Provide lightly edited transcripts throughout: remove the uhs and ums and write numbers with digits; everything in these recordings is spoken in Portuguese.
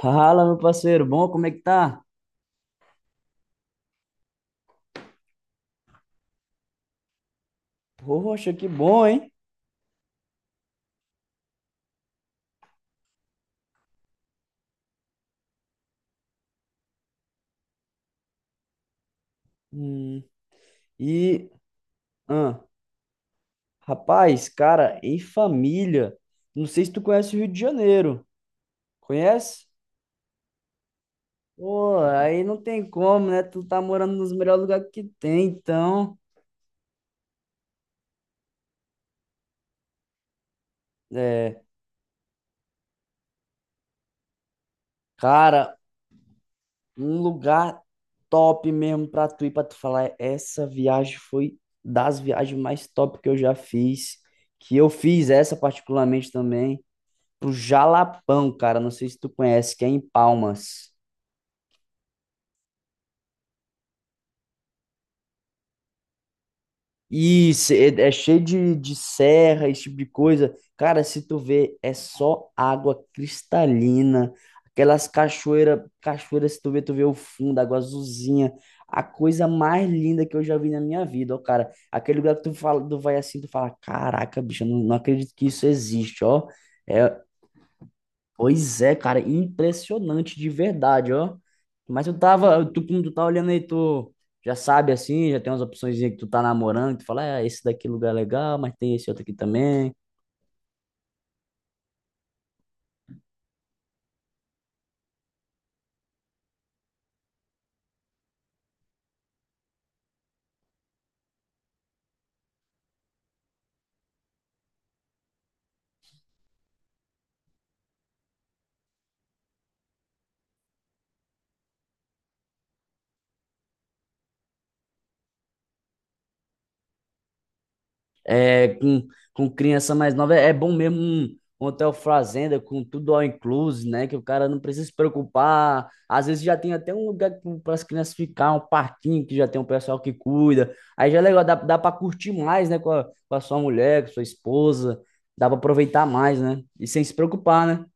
Fala, meu parceiro, bom? Como é que tá? Poxa, que bom, hein? Hum, E, ah, rapaz, cara, em família, não sei se tu conhece o Rio de Janeiro, conhece? Pô, aí não tem como, né? Tu tá morando nos melhores lugares que tem, então, é, cara, um lugar top mesmo pra tu ir, pra tu falar, essa viagem foi das viagens mais top que eu já fiz, que eu fiz essa particularmente também. Pro Jalapão, cara. Não sei se tu conhece, que é em Palmas. Isso é cheio de serra, esse tipo de coisa. Cara, se tu vê, é só água cristalina. Aquelas cachoeiras, se tu vê, tu vê o fundo, água azulzinha. A coisa mais linda que eu já vi na minha vida, ó, cara. Aquele lugar que tu fala, tu vai assim, tu fala, caraca, bicho, eu não acredito que isso existe, ó. É, pois é, cara, impressionante de verdade, ó. Mas eu tava, tu, como tu tá olhando aí, tu já sabe assim, já tem umas opções que tu tá namorando, que tu fala, ah, esse daqui lugar é legal, mas tem esse outro aqui também. É, com criança mais nova. É bom mesmo um, um hotel fazenda com tudo all inclusive, né? Que o cara não precisa se preocupar. Às vezes já tem até um lugar para as crianças ficar, um parquinho que já tem um pessoal que cuida. Aí já é legal, dá para curtir mais, né? Com com a sua mulher, com a sua esposa. Dá para aproveitar mais, né? E sem se preocupar, né?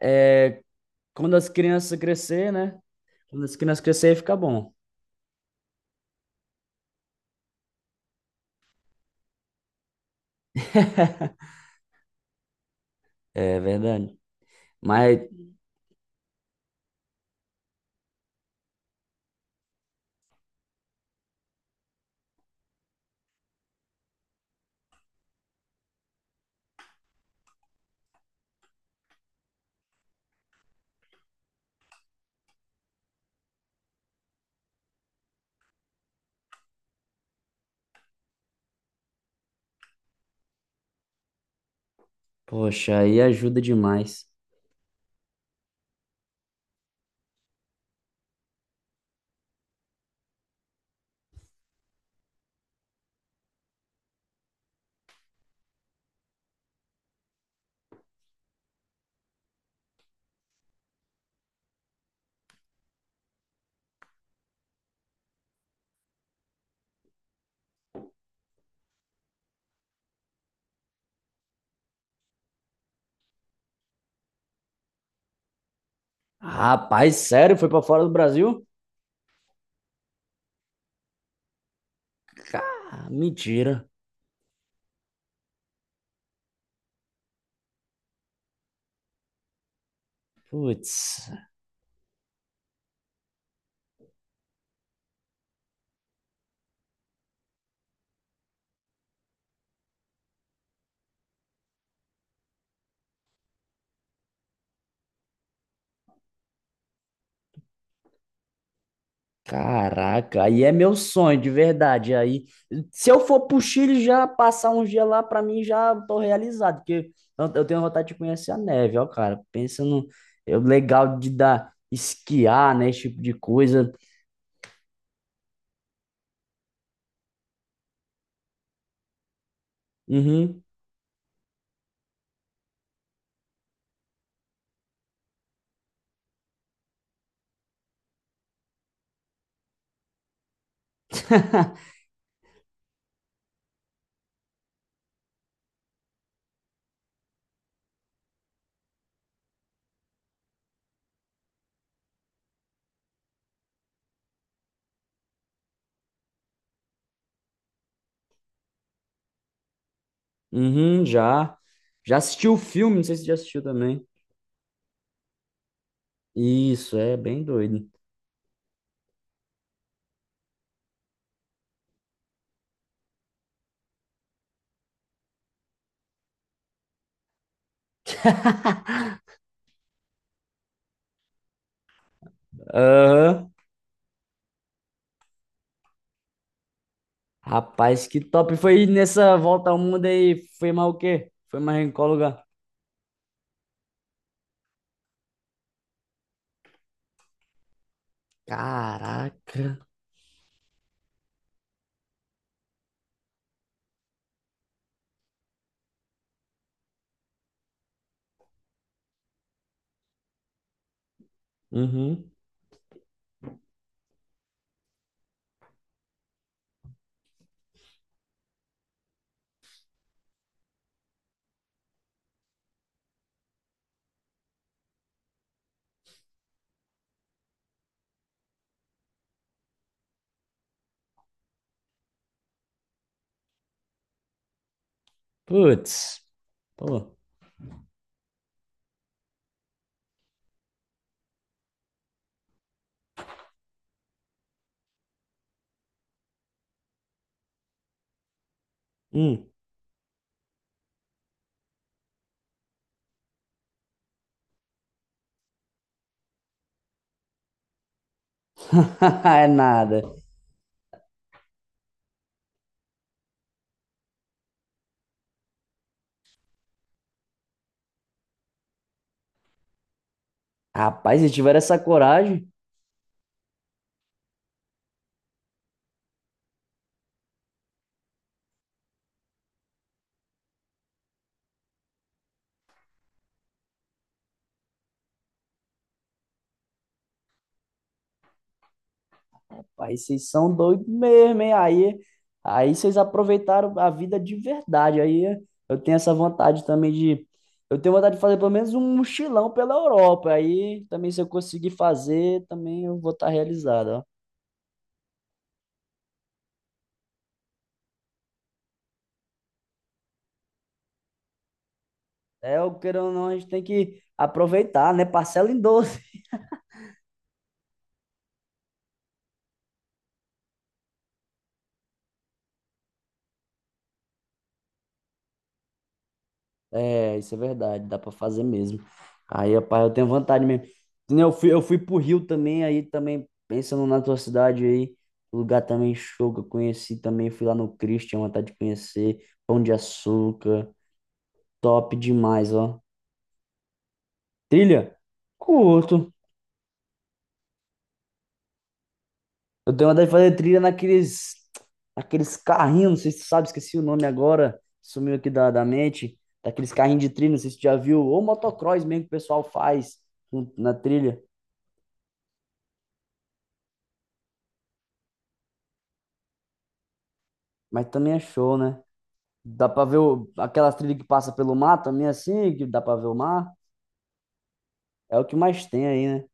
É, quando as crianças crescer, né? Quando as crianças crescer, fica bom. É verdade. Mas, poxa, aí ajuda demais. Rapaz, sério? Foi pra fora do Brasil? Cara, mentira. Putz, caraca, aí é meu sonho, de verdade. Aí, se eu for pro Chile já passar um dia lá, pra mim já tô realizado, porque eu tenho vontade de conhecer a neve, ó, cara. Pensa no eu, legal de dar esquiar, né, esse tipo de coisa. Uhum, uhum, já. Já assisti o filme, não sei se você já assistiu também. Isso, é bem doido. Aham. Rapaz, que top. Foi nessa volta ao mundo aí, foi mais o quê? Foi mais em qual lugar? Caraca. Uhum. Putz. Pô. Hum. É nada. Rapaz, se tiver essa coragem, rapaz, vocês são doidos mesmo, hein? Aí, aí vocês aproveitaram a vida de verdade. Aí eu tenho essa vontade também de. Eu tenho vontade de fazer pelo menos um mochilão pela Europa. Aí também, se eu conseguir fazer, também eu vou estar realizado. É, o queira ou não, a gente tem que aproveitar, né? Parcela em 12. É, isso é verdade, dá pra fazer mesmo. Aí, rapaz, eu tenho vontade mesmo. Que nem Eu fui pro Rio também, aí também, pensando na tua cidade aí, lugar também show que eu conheci também, fui lá no Cristo, tinha vontade de conhecer, Pão de Açúcar, top demais, ó. Trilha? Curto. Eu tenho vontade de fazer trilha naqueles, naqueles carrinhos, não sei se tu sabe, esqueci o nome agora, sumiu aqui da mente, daqueles carrinhos de trilha, não sei se tu já viu, ou motocross mesmo que o pessoal faz na trilha, mas também é show, né? Dá pra ver o, aquelas trilhas que passa pelo mar também, assim, que dá pra ver o mar, é o que mais tem aí, né?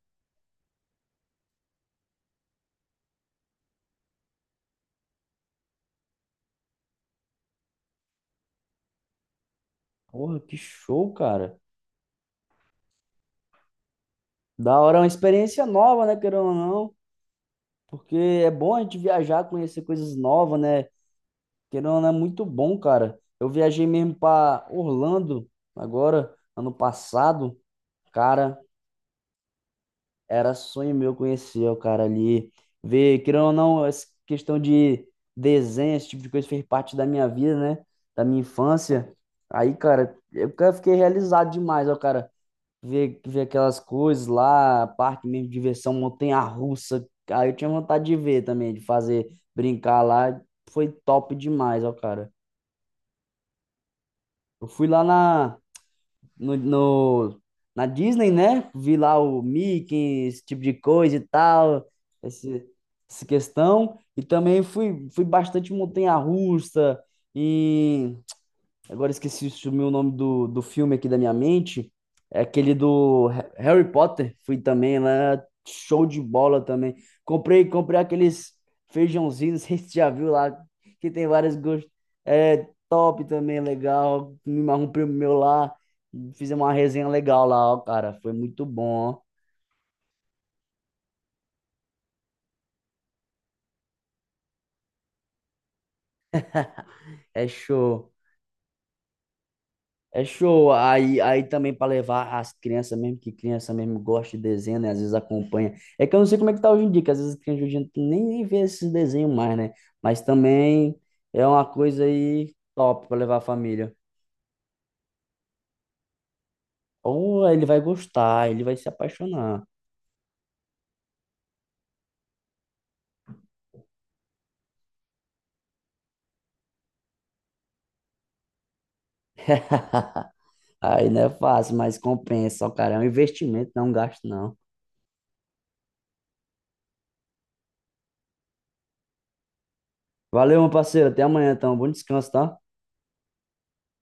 Porra, que show, cara. Da hora, é uma experiência nova, né, querendo ou não, porque é bom a gente viajar, conhecer coisas novas, né? Querendo ou não, é muito bom, cara. Eu viajei mesmo para Orlando agora, ano passado. Cara, era sonho meu conhecer o cara ali. Ver, querendo ou não, essa questão de desenho, esse tipo de coisa fez parte da minha vida, né? Da minha infância. Aí, cara, fiquei realizado demais, ó, cara. Ver aquelas coisas lá, parque mesmo, diversão, montanha-russa. Aí eu tinha vontade de ver também, de fazer, brincar lá. Foi top demais, ó, cara. Eu fui lá na no, no- na Disney, né? Vi lá o Mickey, esse tipo de coisa e tal, esse, essa questão. E também fui bastante em montanha-russa, agora esqueci sumiu o nome do filme aqui da minha mente. É aquele do Harry Potter. Fui também lá, show de bola também. Comprei aqueles feijãozinhos, não sei se você já viu lá, que tem vários gostos. É top também, legal. Me marrou um primo meu lá. Fizemos uma resenha legal lá, ó, cara. Foi muito bom, ó. É show. É show. Aí, aí também para levar as crianças mesmo, que criança mesmo gosta de desenho, né? Às vezes acompanha. É que eu não sei como é que tá hoje em dia, que às vezes as crianças hoje em dia nem vê esses desenhos mais, né? Mas também é uma coisa aí top para levar a família. Ou ele vai gostar, ele vai se apaixonar. Aí não é fácil, mas compensa, ó, cara. É um investimento, não é um gasto, não. Valeu, meu parceiro. Até amanhã, então. Bom descanso, tá?